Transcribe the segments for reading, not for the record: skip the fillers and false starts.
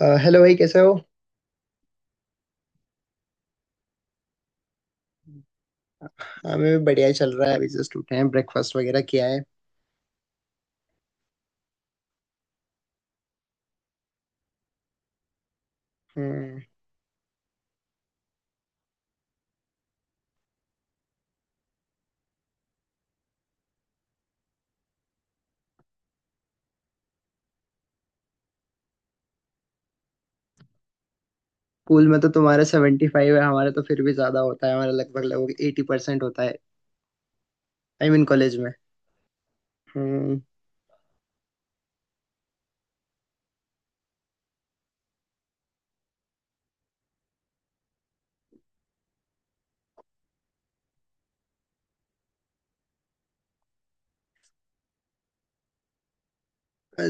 Hello भाई, कैसे हो। हमें भी बढ़िया ही चल रहा है। अभी जस्ट उठे हैं, ब्रेकफास्ट वगैरह किया है। हम्म। स्कूल में तो तुम्हारे 75 है, हमारे तो फिर भी ज्यादा होता है, हमारा लगभग लगभग 80% होता है। आई मीन, कॉलेज में। हम्म।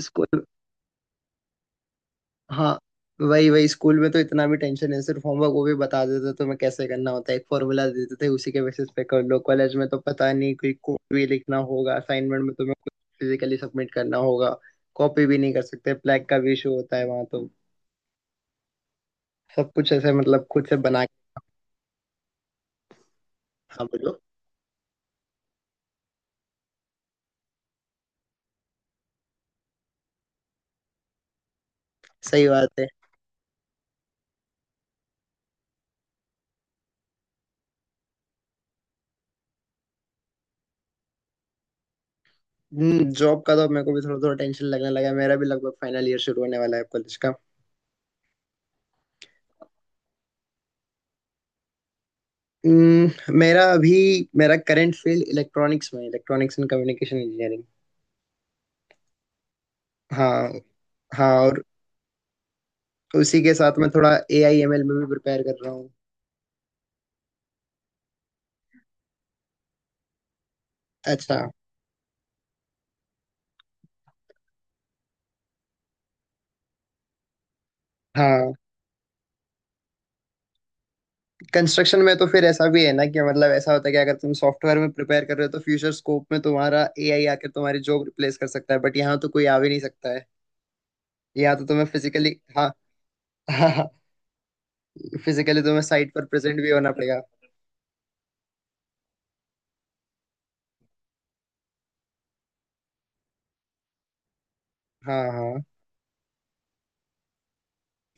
स्कूल। हाँ। वही वही, स्कूल में तो इतना भी टेंशन नहीं, सिर्फ होमवर्क, वो भी बता देते तो मैं कैसे करना होता है, एक फॉर्मूला दे देते थे उसी के बेसिस पे कर लो। कॉलेज में तो पता नहीं, कोई कोड भी लिखना होगा असाइनमेंट में, तुम्हें कुछ फिजिकली सबमिट करना होगा। कॉपी भी नहीं कर सकते, ब्लैक का भी इशू होता है वहां तो। सब कुछ ऐसे मतलब खुद से बना। हाँ, बोलो। सही बात है। जॉब का तो मेरे को भी थोड़ा थोड़ा टेंशन लगने लगा है। मेरा भी लगभग फाइनल ईयर शुरू होने वाला है कॉलेज का। हम्म, मेरा अभी मेरा करंट फील्ड इलेक्ट्रॉनिक्स में, इलेक्ट्रॉनिक्स एंड कम्युनिकेशन इंजीनियरिंग। हाँ हाँ। और उसी के साथ मैं थोड़ा AIML में भी प्रिपेयर कर रहा हूँ। अच्छा, हाँ। कंस्ट्रक्शन में तो फिर ऐसा भी है ना कि मतलब ऐसा होता है कि अगर तुम सॉफ्टवेयर में प्रिपेयर कर रहे हो तो फ्यूचर स्कोप में तुम्हारा एआई आकर तुम्हारी जॉब रिप्लेस कर सकता है, बट यहाँ तो कोई आ भी नहीं सकता है। यहाँ तो तुम्हें फिजिकली, हाँ। फिजिकली तुम्हें साइट पर प्रेजेंट भी होना पड़ेगा। हाँ हाँ।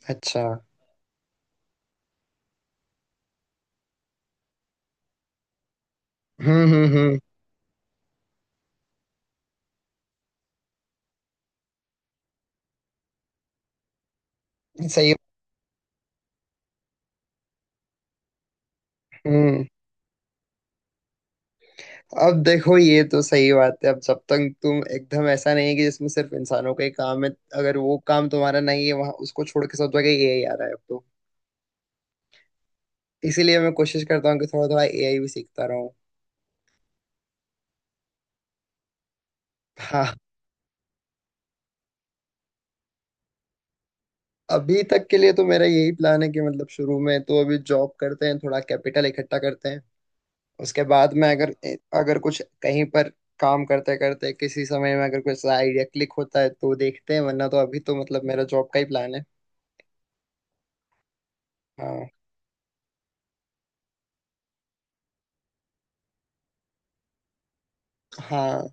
अच्छा। हम्म। सही। हम्म। अब देखो, ये तो सही बात है। अब जब तक तुम एकदम, ऐसा नहीं है कि जिसमें सिर्फ इंसानों का ही काम है, अगर वो काम तुम्हारा नहीं है, वहां उसको छोड़ के सब जगह एआई आ रहा है अब तो। इसीलिए मैं कोशिश करता हूँ कि थोड़ा थोड़ा एआई भी सीखता रहूँ। हाँ। अभी तक के लिए तो मेरा यही प्लान है कि मतलब शुरू में तो अभी जॉब करते हैं, थोड़ा कैपिटल इकट्ठा करते हैं। उसके बाद में अगर अगर कुछ कहीं पर काम करते करते किसी समय में अगर कुछ आइडिया क्लिक होता है तो देखते हैं, वरना तो अभी तो मतलब मेरा जॉब का ही प्लान है। हाँ हाँ।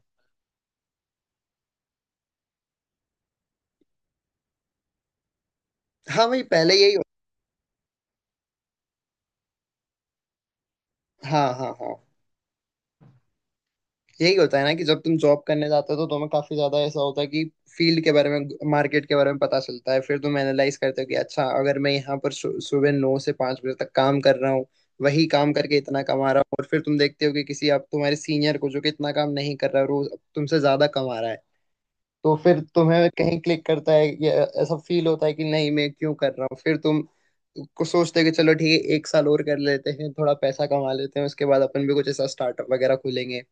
हाँ भाई, पहले यही हाँ हाँ हाँ। यही होता है ना कि जब तुम जॉब करने जाते हो तो तुम्हें काफी ज्यादा ऐसा होता है कि फील्ड के बारे में, मार्केट के बारे में पता चलता है, फिर तुम एनालाइज करते हो कि अच्छा, अगर मैं यहाँ पर सुबह 9 से 5 बजे तक काम कर रहा हूँ, वही काम करके इतना कमा रहा हूँ, और फिर तुम देखते हो कि किसी आप तुम्हारे सीनियर को जो कि इतना काम नहीं कर रहा है और वो तुमसे ज्यादा कमा रहा है, तो फिर तुम्हें कहीं क्लिक करता है या ऐसा फील होता है कि नहीं, मैं क्यों कर रहा हूँ, फिर तुम कुछ सोचते हो कि चलो ठीक है, एक साल और कर लेते हैं, थोड़ा पैसा कमा लेते हैं, उसके बाद अपन भी कुछ ऐसा स्टार्टअप वगैरह खोलेंगे।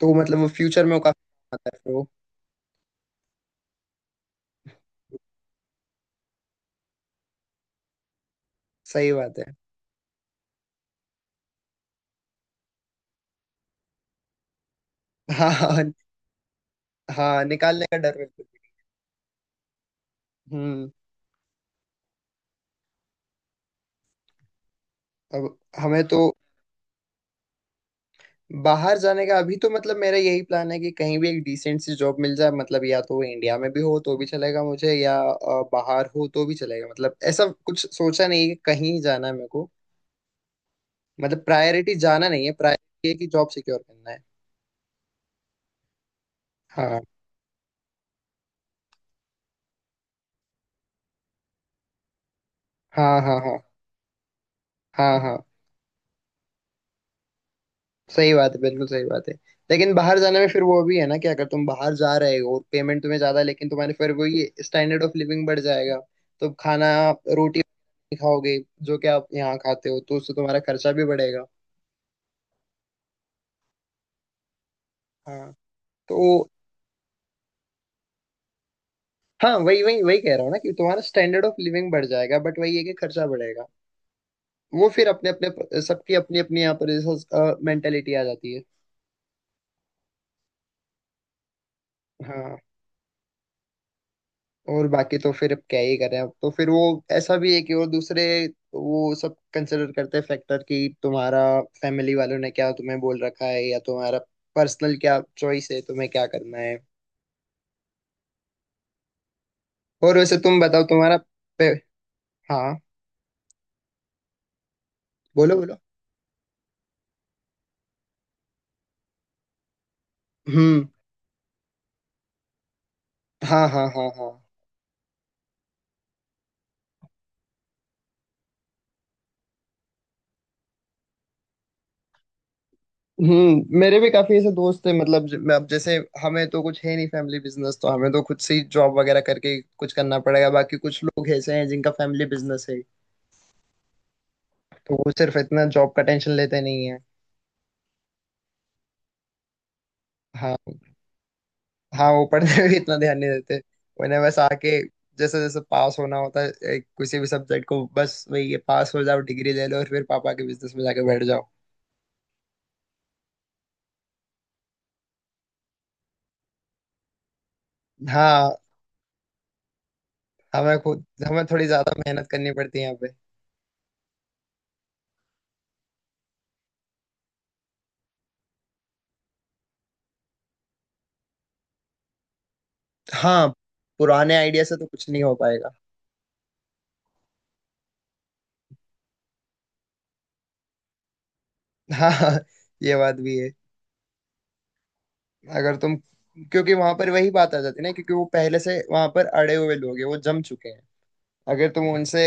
तो मतलब वो फ्यूचर में वो काफी काम आता है फिर वो। सही बात है। हाँ हाँ। हाँ, निकालने का डर बिल्कुल भी। हम्म। अब हमें तो बाहर जाने का अभी तो मतलब मेरा यही प्लान है कि कहीं भी एक डिसेंट सी जॉब मिल जाए, मतलब या तो वो इंडिया में भी हो तो भी चलेगा मुझे या बाहर हो तो भी चलेगा, मतलब ऐसा कुछ सोचा नहीं है कि कहीं जाना है मेरे को। मतलब प्रायोरिटी जाना नहीं है, प्रायोरिटी है कि जॉब सिक्योर करना है। हाँ हाँ हाँ हाँ। हाँ हाँ। सही बात है, बिल्कुल सही बात है। लेकिन बाहर जाने में फिर वो भी है ना कि अगर तुम बाहर जा रहे हो और पेमेंट तुम्हें ज्यादा है, लेकिन तुम्हारे फिर वो ये स्टैंडर्ड ऑफ लिविंग बढ़ जाएगा, तो खाना रोटी नहीं खाओगे जो कि आप यहाँ खाते हो, तो उससे तुम्हारा खर्चा भी बढ़ेगा। हाँ। तो, हाँ वही वही वही कह रहा हूँ ना कि तुम्हारा स्टैंडर्ड ऑफ लिविंग बढ़ जाएगा, बट वही है कि खर्चा बढ़ेगा। वो फिर अपने अपने सबकी अपनी अपनी यहाँ पर मेंटेलिटी आ जाती है। हाँ। और बाकी तो फिर अब क्या ही करें, अब तो फिर वो, ऐसा भी है कि और दूसरे वो सब कंसिडर करते हैं फैक्टर, कि तुम्हारा फैमिली वालों ने क्या तुम्हें बोल रखा है, या तुम्हारा पर्सनल क्या चॉइस है, तुम्हें क्या करना है। और वैसे तुम बताओ, तुम्हारा पे... हाँ बोलो बोलो। हम्म। हाँ हाँ हाँ हाँ। हम्म, मेरे भी काफी ऐसे दोस्त हैं, मतलब अब जैसे हमें तो कुछ है नहीं फैमिली बिजनेस, तो हमें तो खुद से ही जॉब वगैरह करके कुछ करना पड़ेगा, बाकी कुछ लोग ऐसे हैं जिनका फैमिली बिजनेस है, तो वो सिर्फ इतना जॉब का टेंशन लेते नहीं है। हाँ। हाँ वो पढ़ने में भी इतना ध्यान नहीं देते, उन्हें बस आके जैसे जैसे पास होना होता है, किसी भी सब्जेक्ट को बस वही ये, पास हो जाओ डिग्री ले लो और फिर पापा के बिजनेस में जाके बैठ जाओ। हाँ। हमें खुद, हमें थोड़ी ज्यादा मेहनत करनी पड़ती है यहाँ पे। हाँ। पुराने आइडिया से तो कुछ नहीं हो पाएगा। हाँ, ये बात भी है। अगर तुम, क्योंकि वहां पर वही बात आ जाती है ना, क्योंकि वो पहले से वहां पर अड़े हुए लोग हैं, वो जम चुके हैं। अगर तुम उनसे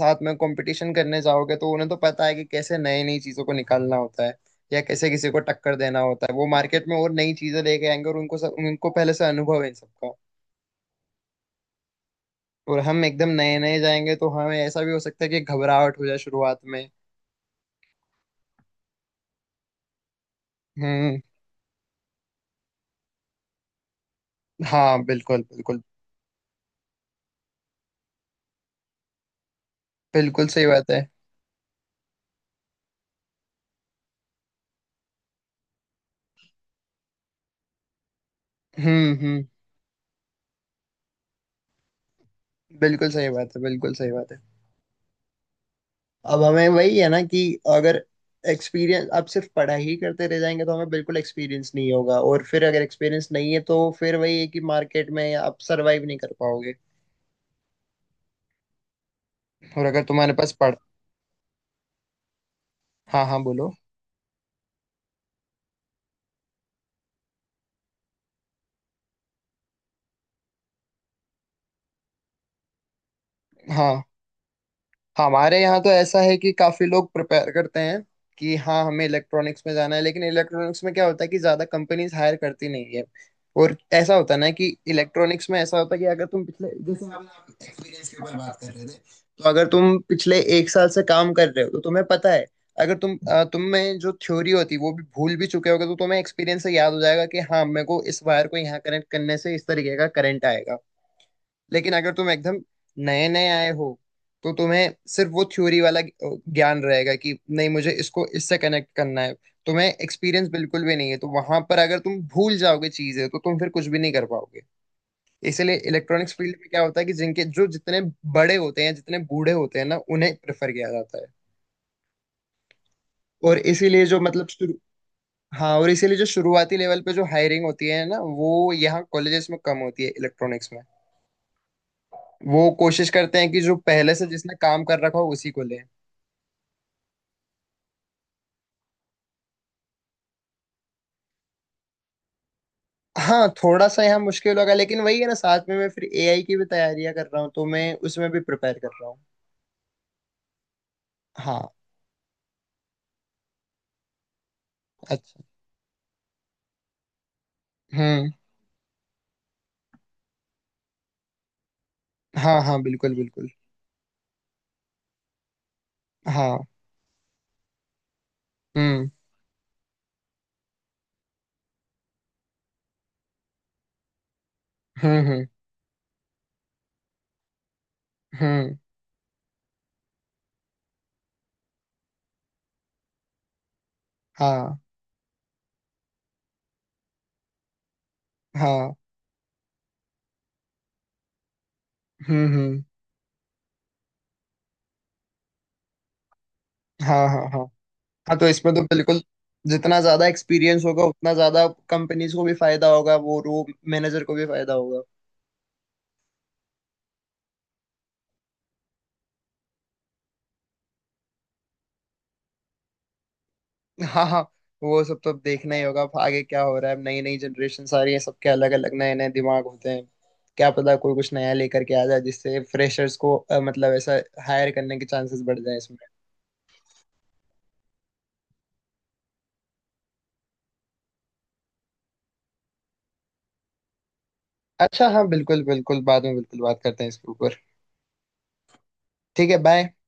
साथ में कंपटीशन करने जाओगे तो उन्हें तो पता है कि कैसे नई नई चीजों को निकालना होता है, या कैसे किसी को टक्कर देना होता है, वो मार्केट में और नई चीजें लेके आएंगे, और उनको सब, उनको पहले से अनुभव है इन सबका, और हम एकदम नए नए जाएंगे तो हमें ऐसा भी हो सकता है कि घबराहट हो जाए शुरुआत में। हम्म। हाँ बिल्कुल बिल्कुल। बिल्कुल सही बात है। हम्म। बिल्कुल सही बात है, बिल्कुल सही बात है। अब हमें वही है ना कि अगर, एक्सपीरियंस, आप सिर्फ पढ़ाई ही करते रह जाएंगे तो हमें बिल्कुल एक्सपीरियंस नहीं होगा, और फिर अगर एक्सपीरियंस नहीं है तो फिर वही है कि मार्केट में आप सरवाइव नहीं कर पाओगे। और अगर तुम्हारे पास पढ़, हाँ हाँ बोलो। हाँ, हमारे यहाँ तो ऐसा है कि काफी लोग प्रिपेयर करते हैं कि हाँ हमें इलेक्ट्रॉनिक्स में जाना है, लेकिन इलेक्ट्रॉनिक्स में क्या होता है कि ज्यादा कंपनीज हायर करती नहीं है। और ऐसा होता है ना कि इलेक्ट्रॉनिक्स में ऐसा होता है कि अगर तुम पिछले, जैसे हम एक्सपीरियंस के ऊपर बात कर रहे थे, तो अगर तुम पिछले एक साल से काम कर रहे हो तो तुम्हें पता है, अगर तुम में जो थ्योरी होती है वो भी भूल भी चुके होगे तो तुम्हें एक्सपीरियंस से याद हो जाएगा कि हाँ मेरे को इस वायर को यहाँ कनेक्ट करने से इस तरीके का करंट आएगा, लेकिन अगर तुम एकदम नए नए आए हो तो तुम्हें सिर्फ वो थ्योरी वाला ज्ञान रहेगा कि नहीं, मुझे इसको इससे कनेक्ट करना है, तुम्हें एक्सपीरियंस बिल्कुल भी नहीं है, तो वहां पर अगर तुम भूल जाओगे चीजें तो तुम फिर कुछ भी नहीं कर पाओगे। इसीलिए इलेक्ट्रॉनिक्स फील्ड में क्या होता है कि जिनके जो जितने बड़े होते हैं, जितने बूढ़े होते हैं ना उन्हें प्रेफर किया जाता है, और इसीलिए जो मतलब शुरू, हाँ और इसीलिए जो शुरुआती लेवल पे जो हायरिंग होती है ना वो यहाँ कॉलेजेस में कम होती है इलेक्ट्रॉनिक्स में। वो कोशिश करते हैं कि जो पहले से जिसने काम कर रखा हो उसी को ले। हाँ थोड़ा सा यहाँ मुश्किल होगा, लेकिन वही है ना, साथ में मैं फिर एआई की भी तैयारियां कर रहा हूँ, तो मैं उसमें भी प्रिपेयर कर रहा हूँ। हाँ। अच्छा। हम्म। हाँ हाँ। बिल्कुल बिल्कुल। हाँ। हम्म हम्म हम्म हम्म। हाँ हाँ। हम्म। हाँ हाँ हाँ हाँ, तो इसमें तो बिल्कुल जितना ज्यादा एक्सपीरियंस होगा उतना ज्यादा कंपनीज को भी फायदा होगा, वो रो मैनेजर को भी फायदा होगा। हाँ हाँ। वो सब तो अब देखना ही होगा, अब आगे क्या हो रहा है। अब नई नई जनरेशन सारी है, सबके अलग अलग नए नए दिमाग होते हैं। क्या पता कोई कुछ नया लेकर के आ जाए जिससे फ्रेशर्स को मतलब ऐसा हायर करने के चांसेस बढ़ जाए इसमें। अच्छा, हाँ बिल्कुल बिल्कुल, बाद में बिल्कुल बात करते हैं इसके ऊपर। ठीक है, बाय।